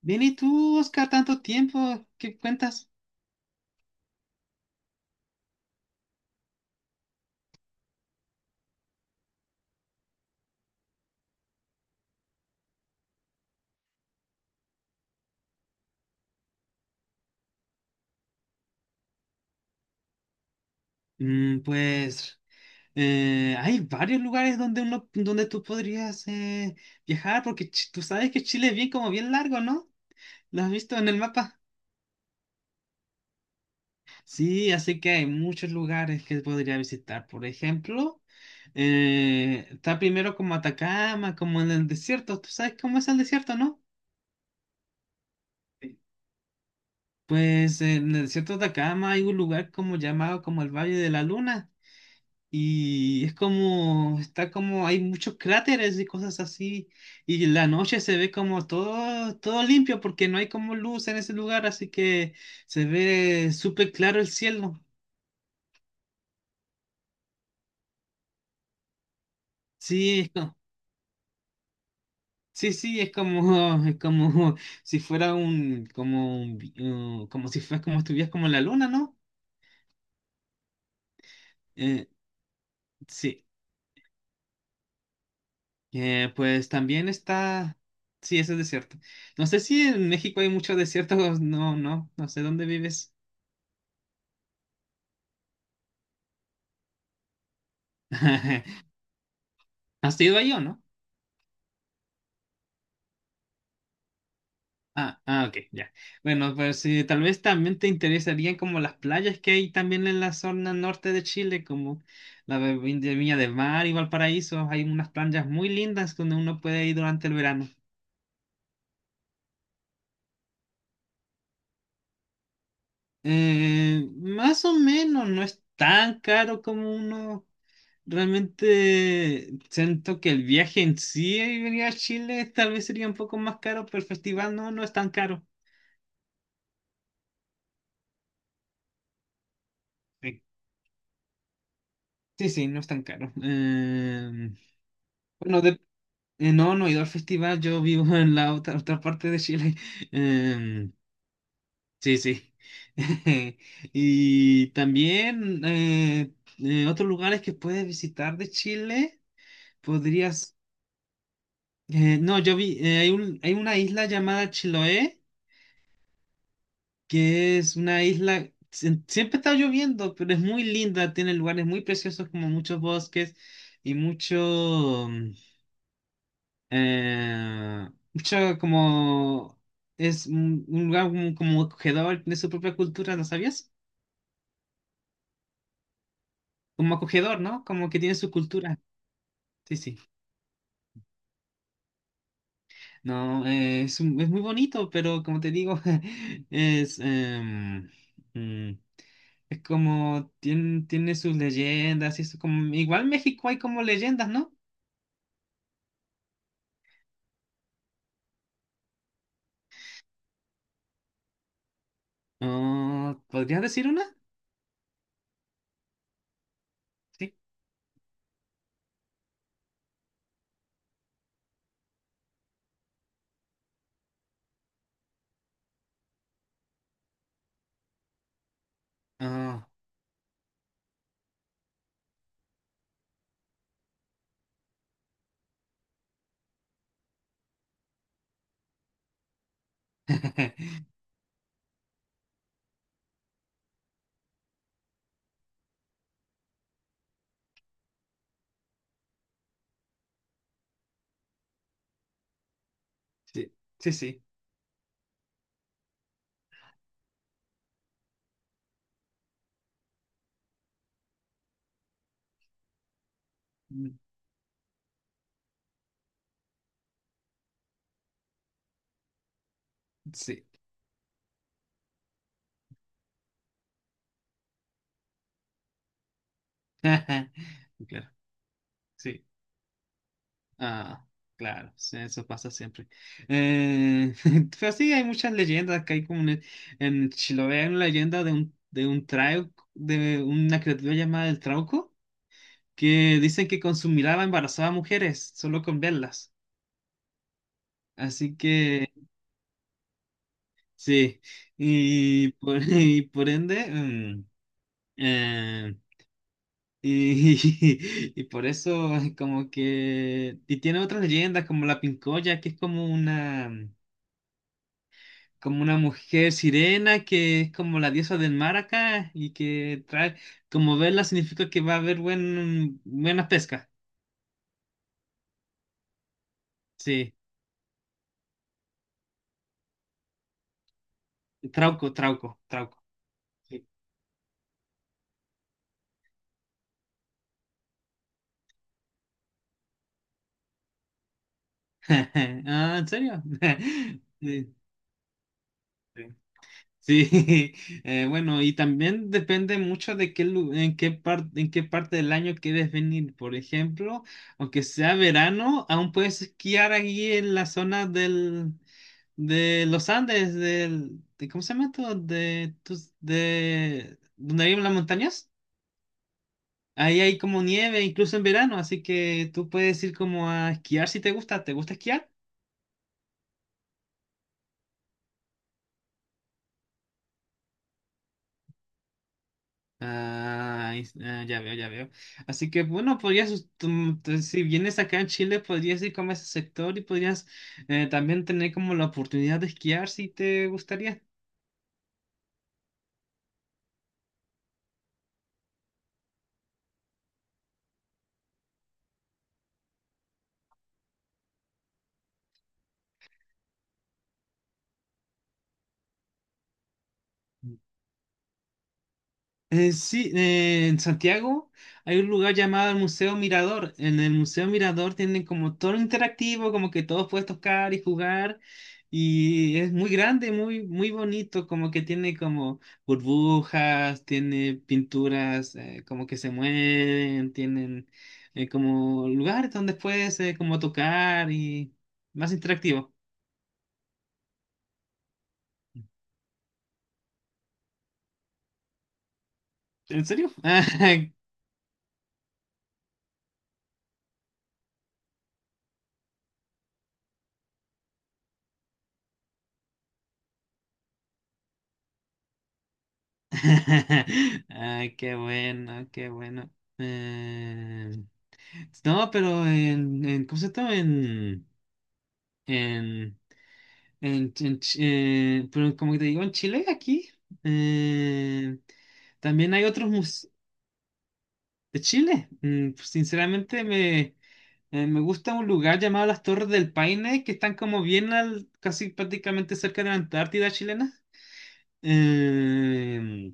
Bien, ¿y tú, Oscar, tanto tiempo? ¿Qué cuentas? Mm, pues hay varios lugares donde donde tú podrías viajar, porque tú sabes que Chile es bien largo, ¿no? ¿Lo has visto en el mapa? Sí, así que hay muchos lugares que podría visitar. Por ejemplo, está primero como Atacama, como en el desierto. ¿Tú sabes cómo es el desierto, no? Pues en el desierto de Atacama hay un lugar como llamado como el Valle de la Luna. Y es está como, hay muchos cráteres y cosas así. Y en la noche se ve como todo limpio porque no hay como luz en ese lugar, así que se ve súper claro el cielo. Sí, es co- sí, sí, es como, es como si fuera un como si fuera como estuvieras como en la luna, ¿no? Eh, sí. Pues también está, sí, ese desierto. No sé si en México hay muchos desiertos, no, no, no sé dónde vives. ¿Has ido ahí o no? Ah, ah, ok, ya. Bueno, pues sí, tal vez también te interesarían como las playas que hay también en la zona norte de Chile, como la de de Viña del Mar y Valparaíso. Hay unas playas muy lindas donde uno puede ir durante el verano. Más o menos, no es tan caro como uno. Realmente siento que el viaje en sí y venir a Chile tal vez sería un poco más caro, pero el festival no, no es tan caro. Sí, sí, sí, no es tan caro. Bueno, no, no he ido al festival, yo vivo en la otra parte de Chile. Em, sí, sí. Y también otros lugares que puedes visitar de Chile, podrías... no, yo vi, hay hay una isla llamada Chiloé, que es una isla, siempre está lloviendo, pero es muy linda, tiene lugares muy preciosos como muchos bosques y mucho... mucho como es un lugar como acogedor, tiene su propia cultura, ¿no sabías? Como acogedor, ¿no? Como que tiene su cultura. Sí, sí. No, es, es muy bonito, pero como te digo, es, mm, es como tiene sus leyendas y eso como igual en México hay como leyendas, ¿no? Ah, ¿podrías decir una? Sí. Ah, sí, sí, sí. Mm, sí. Claro, sí. Ah, claro, sí, eso pasa siempre. Eh, pero sí, hay muchas leyendas que hay como en Chiloé, hay una leyenda de de un trauco, de una criatura llamada el trauco, que dicen que con su mirada embarazaba a mujeres, solo con verlas. Así que, sí, y y por ende, mm, eh, y, y por eso y tiene otras leyendas como la pincoya, que es como una mujer sirena que es como la diosa del mar acá y que trae, como verla significa que va a haber buena pesca. Sí, trauco, trauco, trauco. Sí. Ah, ¿en serio? Sí. Sí, bueno, y también depende mucho de en qué en qué parte del año quieres venir. Por ejemplo, aunque sea verano, aún puedes esquiar aquí en la zona de los Andes, ¿cómo se llama esto? Donde viven las montañas. Ahí hay como nieve, incluso en verano, así que tú puedes ir como a esquiar si te gusta. ¿Te gusta esquiar? Ah, ah, ya veo, ya veo. Así que bueno, podrías, us- tum- tu- si vienes acá en Chile, podrías ir como a ese sector y podrías también tener como la oportunidad de esquiar si te gustaría. Sí, en Santiago hay un lugar llamado el Museo Mirador. En el Museo Mirador tienen como todo lo interactivo, como que todos puedes tocar y jugar. Y es muy grande, muy bonito, como que tiene como burbujas, tiene pinturas como que se mueven, tienen como lugares donde puedes como tocar y más interactivo. ¿En serio? Ay, qué bueno, qué bueno. Eh, no, pero en ¿cómo se llama? En, en pero como te digo, en Chile, aquí, eh, también hay otros museos de Chile. Mm, pues, sinceramente, me gusta un lugar llamado las Torres del Paine, que están como bien al, casi prácticamente cerca de la Antártida chilena. Eh,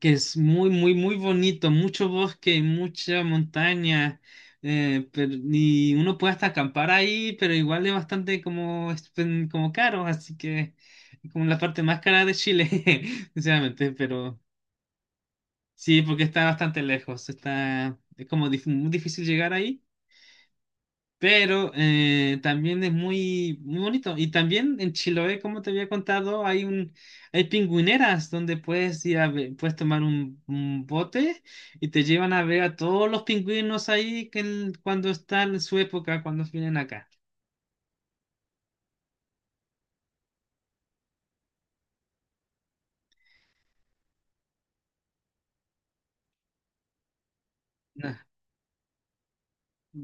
que es muy, muy, muy bonito, mucho bosque, mucha montaña, y uno puede hasta acampar ahí, pero igual es bastante como caro, así que es como la parte más cara de Chile, sinceramente, pero sí, porque está bastante lejos, es como muy difícil llegar ahí. Pero también es muy, muy bonito. Y también en Chiloé, como te había contado, hay hay pingüineras donde puedes puedes tomar un bote y te llevan a ver a todos los pingüinos ahí que cuando están en su época, cuando vienen acá. No,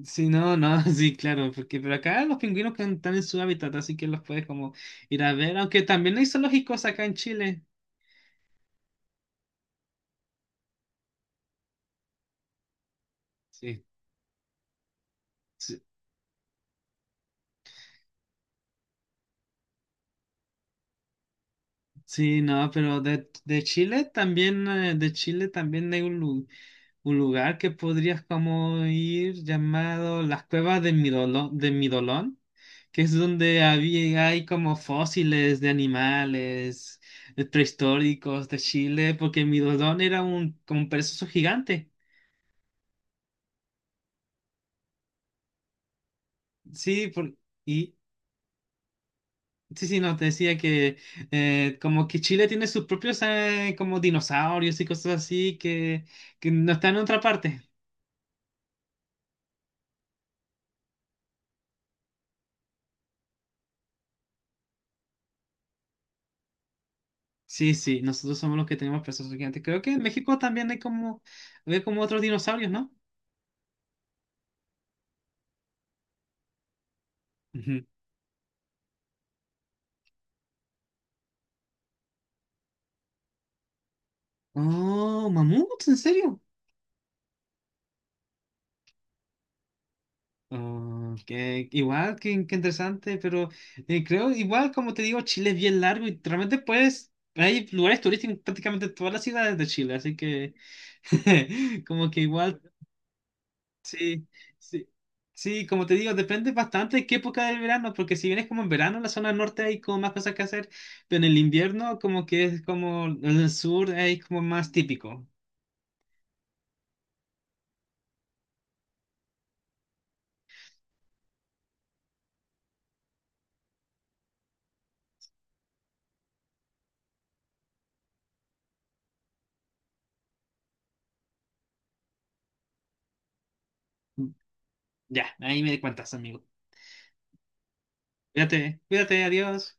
sí, no, no, sí, claro, porque pero acá los pingüinos que están en su hábitat, así que los puedes como ir a ver, aunque también hay zoológicos acá en Chile. Sí, sí, sí, no, pero de Chile también hay un lugar. Un lugar que podrías como ir llamado las cuevas de midolo de Midolón, que es donde hay como fósiles de animales prehistóricos de Chile, porque Midolón era como un perezoso gigante. Sí, y sí, sí, no, te decía que como que Chile tiene sus propios como dinosaurios y cosas así que no están en otra parte. Sí, sí, nosotros somos los que tenemos pesos gigantes. Creo que en México también hay como otros dinosaurios, ¿no? Ujú. Oh, mamuts, ¿en serio? Oh, igual, que interesante, pero creo, igual, como te digo, Chile es bien largo y realmente puedes, hay lugares turísticos en prácticamente todas las ciudades de Chile, así que como que igual. Sí, sí, sí, como te digo, depende bastante de qué época del verano, porque si vienes como en verano, en la zona norte hay como más cosas que hacer, pero en el invierno como que es como en el sur hay como más típico. Ya, ahí me cuentas, amigo. Cuídate, cuídate, adiós.